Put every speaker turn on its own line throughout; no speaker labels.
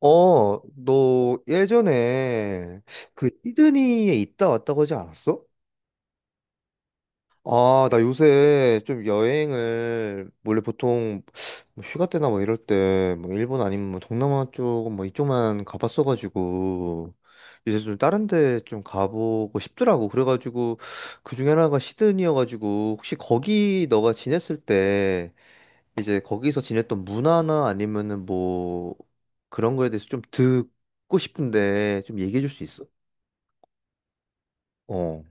어, 너 예전에 그 시드니에 있다 왔다고 하지 않았어? 아, 나 요새 좀 여행을 원래 보통 뭐 휴가 때나 뭐 이럴 때 뭐 일본 아니면 뭐 동남아 쪽 뭐 이쪽만 가봤어가지고 이제 좀 다른 데 좀 가보고 싶더라고. 그래가지고 그 중에 하나가 시드니여가지고 혹시 거기 너가 지냈을 때 이제 거기서 지냈던 문화나 아니면은 뭐 그런 거에 대해서 좀 듣고 싶은데 좀 얘기해 줄 수 있어? 어.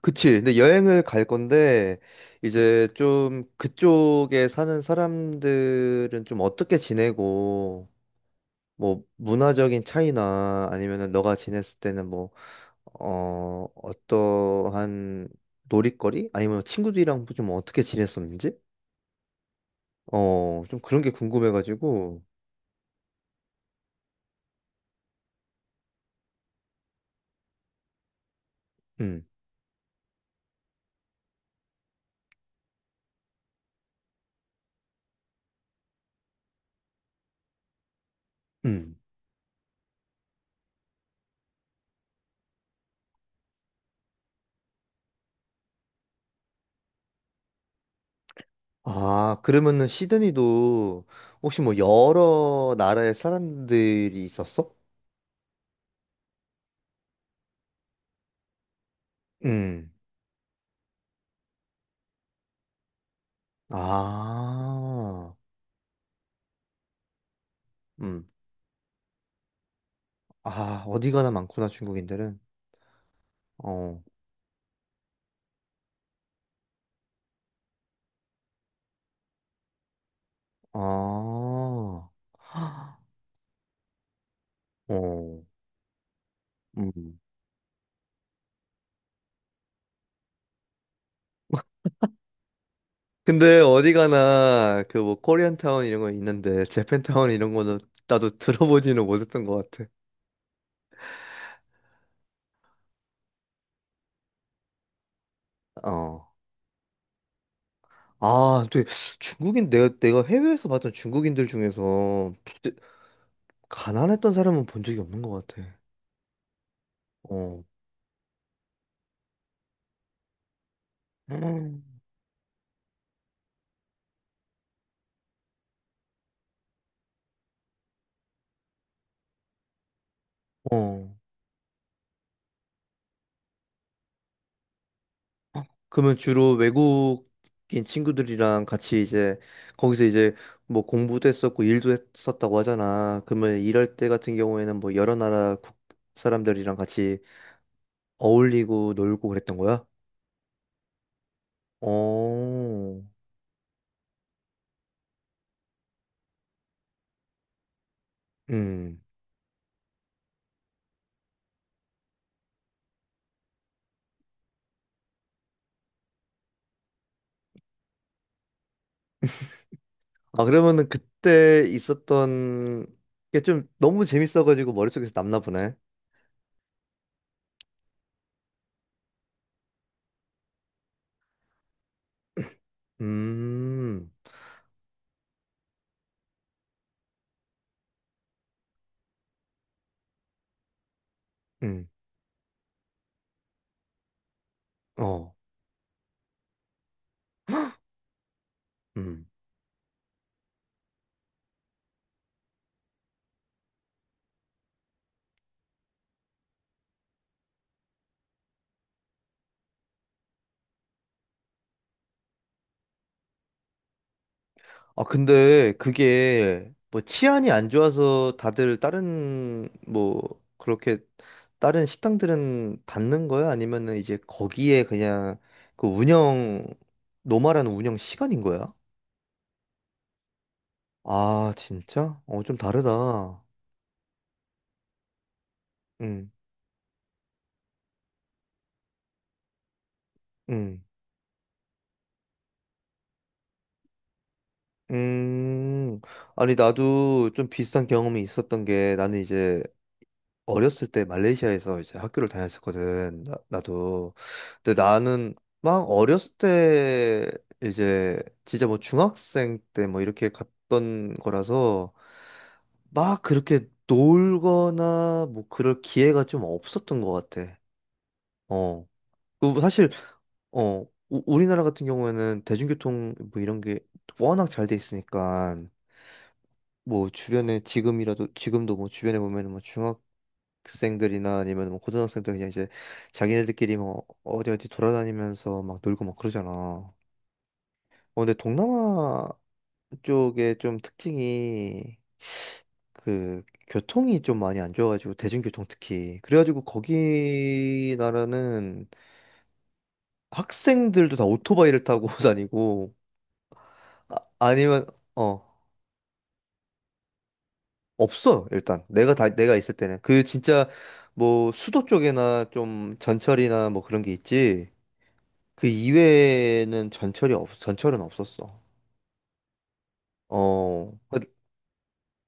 그치. 근데 여행을 갈 건데 이제 좀 그쪽에 사는 사람들은 좀 어떻게 지내고 뭐 문화적인 차이나 아니면은 너가 지냈을 때는 뭐 어, 어떠한 놀이거리? 아니면 친구들이랑 좀 어떻게 지냈었는지? 어, 좀 그런 게 궁금해가지고. 음. 음. 아, 그러면은 시드니도 혹시 뭐 여러 나라의 사람들이 있었어? 음. 아. 음. 아, 어디 가나 많구나, 중국인들은. 어. 아. 헉, 어. 음. 근데 어디 가나 그 뭐 코리안 타운 이런 거 있는데 재팬 타운 이런 거는 나도 들어보지는 못했던 것 같아. 어. 아, 또 중국인 내가 해외에서 봤던 중국인들 중에서 가난했던 사람은 본 적이 없는 것 같아. 어. 음. 어. 그러면 주로 외국인 친구들이랑 같이 이제 거기서 이제 뭐 공부도 했었고 일도 했었다고 하잖아. 그러면 일할 때 같은 경우에는 뭐 여러 나라 국 사람들이랑 같이 어울리고 놀고 그랬던 거야? 어. 음. 아, 그러면은 그때 있었던 게 좀 너무 재밌어가지고 머릿속에서 남나 보네. 음. 음. 어. 음. 아, 근데 그게 뭐 치안이 안 좋아서 다들 다른 뭐 그렇게 다른 식당들은 닫는 거야? 아니면은 이제 거기에 그냥 그 운영 노말한 운영 시간인 거야? 아, 진짜? 어, 좀 다르다. 응, 응, 음. 아니, 나도 좀 비슷한 경험이 있었던 게 나는 이제 어렸을 때 말레이시아에서 이제 학교를 다녔었거든. 나, 도 근데 나는 막 어렸을 때 이제 진짜 뭐 중학생 때 뭐 이렇게 갔던 거라서 막 그렇게 놀거나 뭐 그럴 기회가 좀 없었던 것 같아. 어. 그리고 사실 우리나라 같은 경우에는 대중교통 뭐 이런 게 워낙 잘 돼 있으니까 뭐 주변에 지금이라도 지금도 뭐 주변에 보면은 뭐 중학 학생들이나 아니면 뭐 고등학생들 그냥 이제 자기네들끼리 뭐 어디 어디 돌아다니면서 막 놀고 막 그러잖아. 어, 근데 동남아 쪽에 좀 특징이 그 교통이 좀 많이 안 좋아가지고 대중교통 특히 그래가지고 거기 나라는 학생들도 다 오토바이를 타고 다니고 아, 아니면 어 없어 일단 내가 다 내가 있을 때는 그 진짜 뭐 수도 쪽에나 좀 전철이나 뭐 그런 게 있지 그 이외에는 전철은 없었어. 어, 그,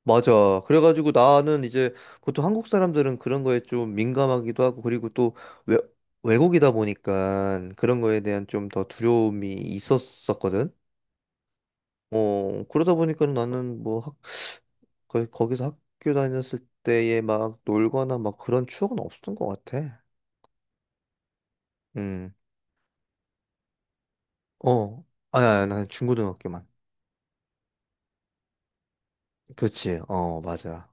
맞아. 그래가지고 나는 이제 보통 한국 사람들은 그런 거에 좀 민감하기도 하고, 그리고 또 외, 외국이다 보니까 그런 거에 대한 좀 더 두려움이 있었었거든. 어, 그러다 보니까 나는 뭐 거기서 학교 다녔을 때에 막 놀거나 막 그런 추억은 없었던 것 같아. 음, 어, 아니, 아니, 난 중고등학교만. 그치, 어, 맞아.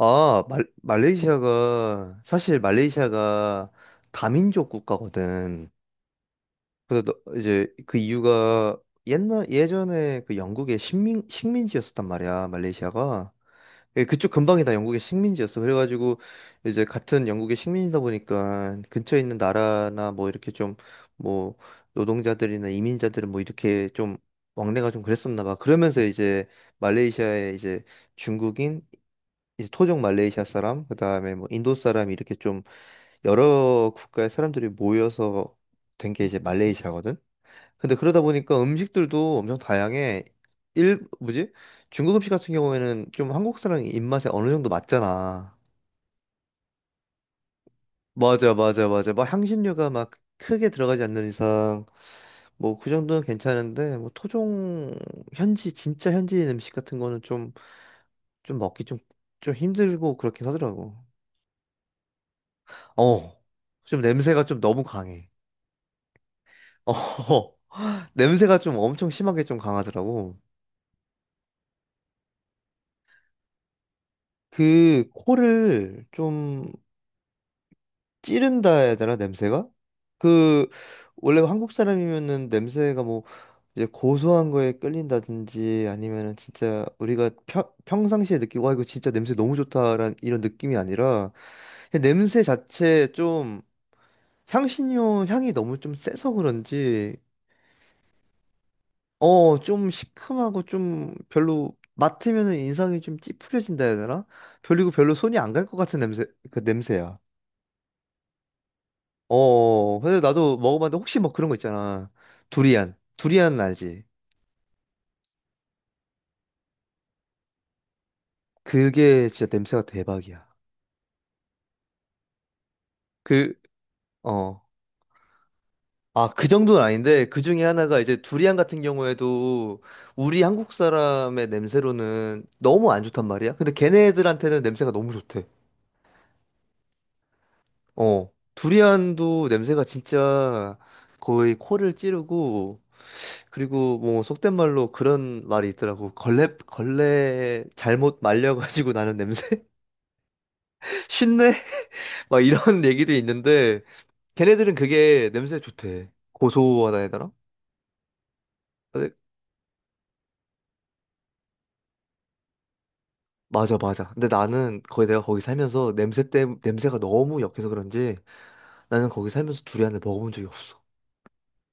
아, 말레이시아가, 사실 말레이시아가 다민족 국가거든. 그래서 이제 그 이유가 옛날, 예전에 그 영국의 식민지였었단 말이야, 말레이시아가. 예, 그쪽 근방이 다 영국의 식민지였어. 그래가지고 이제 같은 영국의 식민이다 보니까 근처에 있는 나라나 뭐 이렇게 좀 뭐 노동자들이나 이민자들은 뭐 이렇게 좀 왕래가 좀 그랬었나 봐. 그러면서 이제 말레이시아에 이제 중국인 이제 토종 말레이시아 사람, 그다음에 뭐 인도 사람 이렇게 좀 여러 국가의 사람들이 모여서 된 게 이제 말레이시아거든. 근데 그러다 보니까 음식들도 엄청 다양해. 일 뭐지? 중국 음식 같은 경우에는 좀 한국 사람 입맛에 어느 정도 맞잖아. 맞아, 맞아, 맞아. 막 향신료가 막 크게 들어가지 않는 이상 뭐 그 정도는 괜찮은데 뭐 토종 현지 진짜 현지인 음식 같은 거는 좀 좀 먹기 좀 좀 힘들고 그렇긴 하더라고. 어, 좀 냄새가 좀 너무 강해. 어, 냄새가 좀 엄청 심하게 좀 강하더라고. 그 코를 좀 찌른다 해야 되나, 냄새가? 그, 원래 한국 사람이면은 냄새가 뭐 이제 고소한 거에 끌린다든지 아니면은 진짜 우리가 평상시에 느끼고 와 이거 진짜 냄새 너무 좋다라는 이런 느낌이 아니라 그냥 냄새 자체 좀 향신료 향이 너무 좀 세서 그런지 어, 좀 시큼하고 좀 별로 맡으면은 인상이 좀 찌푸려진다 해야 되나? 별이고 별로 손이 안 갈 것 같은 냄새, 그 냄새야. 어, 어. 근데 나도 먹어봤는데 혹시 뭐 그런 거 있잖아. 두리안. 두리안은 알지? 그게 진짜 냄새가 대박이야. 그, 어. 아, 그 정도는 아닌데 그 중에 하나가 이제 두리안 같은 경우에도 우리 한국 사람의 냄새로는 너무 안 좋단 말이야. 근데 걔네들한테는 냄새가 너무 좋대. 어, 두리안도 냄새가 진짜 거의 코를 찌르고, 그리고 뭐 속된 말로 그런 말이 있더라고. 걸레, 걸레 잘못 말려가지고 나는 냄새? 쉰내? 막 이런 얘기도 있는데, 걔네들은 그게 냄새 좋대. 고소하다 해야 되나? 근데 맞아, 맞아. 근데 나는 거의 내가 거기 살면서 냄새가 너무 역해서 그런지 나는 거기 살면서 두리안을 먹어본 적이 없어.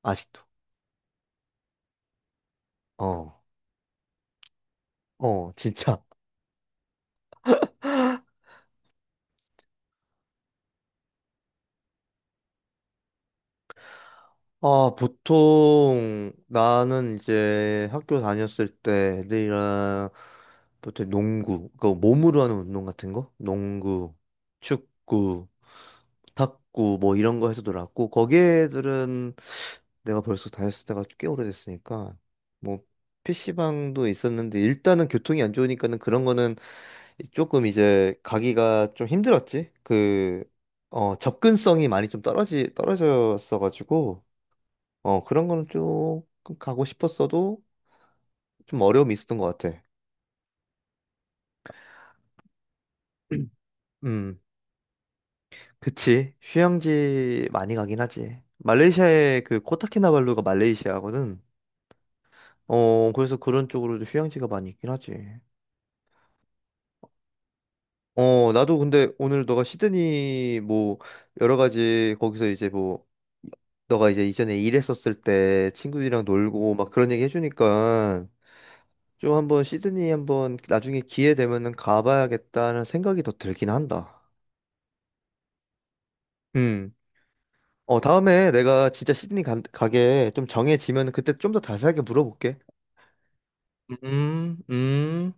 아직도. 어, 어, 진짜. 아, 보통 나는 이제 학교 다녔을 때 애들이랑 보통 농구, 그 몸으로 하는 운동 같은 거? 농구, 축구, 탁구 뭐 이런 거 해서 놀았고 거기 애들은 내가 벌써 다녔을 때가 꽤 오래됐으니까 뭐 PC방도 있었는데 일단은 교통이 안 좋으니까는 그런 거는 조금 이제 가기가 좀 힘들었지. 그, 어, 접근성이 많이 좀 떨어졌어가지고 어, 그런 거는 조금 가고 싶었어도 좀 어려움이 있었던 것 같아. 음, 그치. 휴양지 많이 가긴 하지. 말레이시아의 그 코타키나발루가 말레이시아거든. 어, 그래서 그런 쪽으로도 휴양지가 많이 있긴 하지. 어, 나도 근데 오늘 너가 시드니 뭐 여러 가지 거기서 이제 뭐 너가 이제 이전에 일했었을 때 친구들이랑 놀고 막 그런 얘기 해주니까 좀 한번 시드니 한번 나중에 기회 되면은 가봐야겠다는 생각이 더 들긴 한다. 음. 어, 다음에 내가 진짜 시드니 게좀 정해지면 그때 좀 더 자세하게 물어볼게. 음, 음.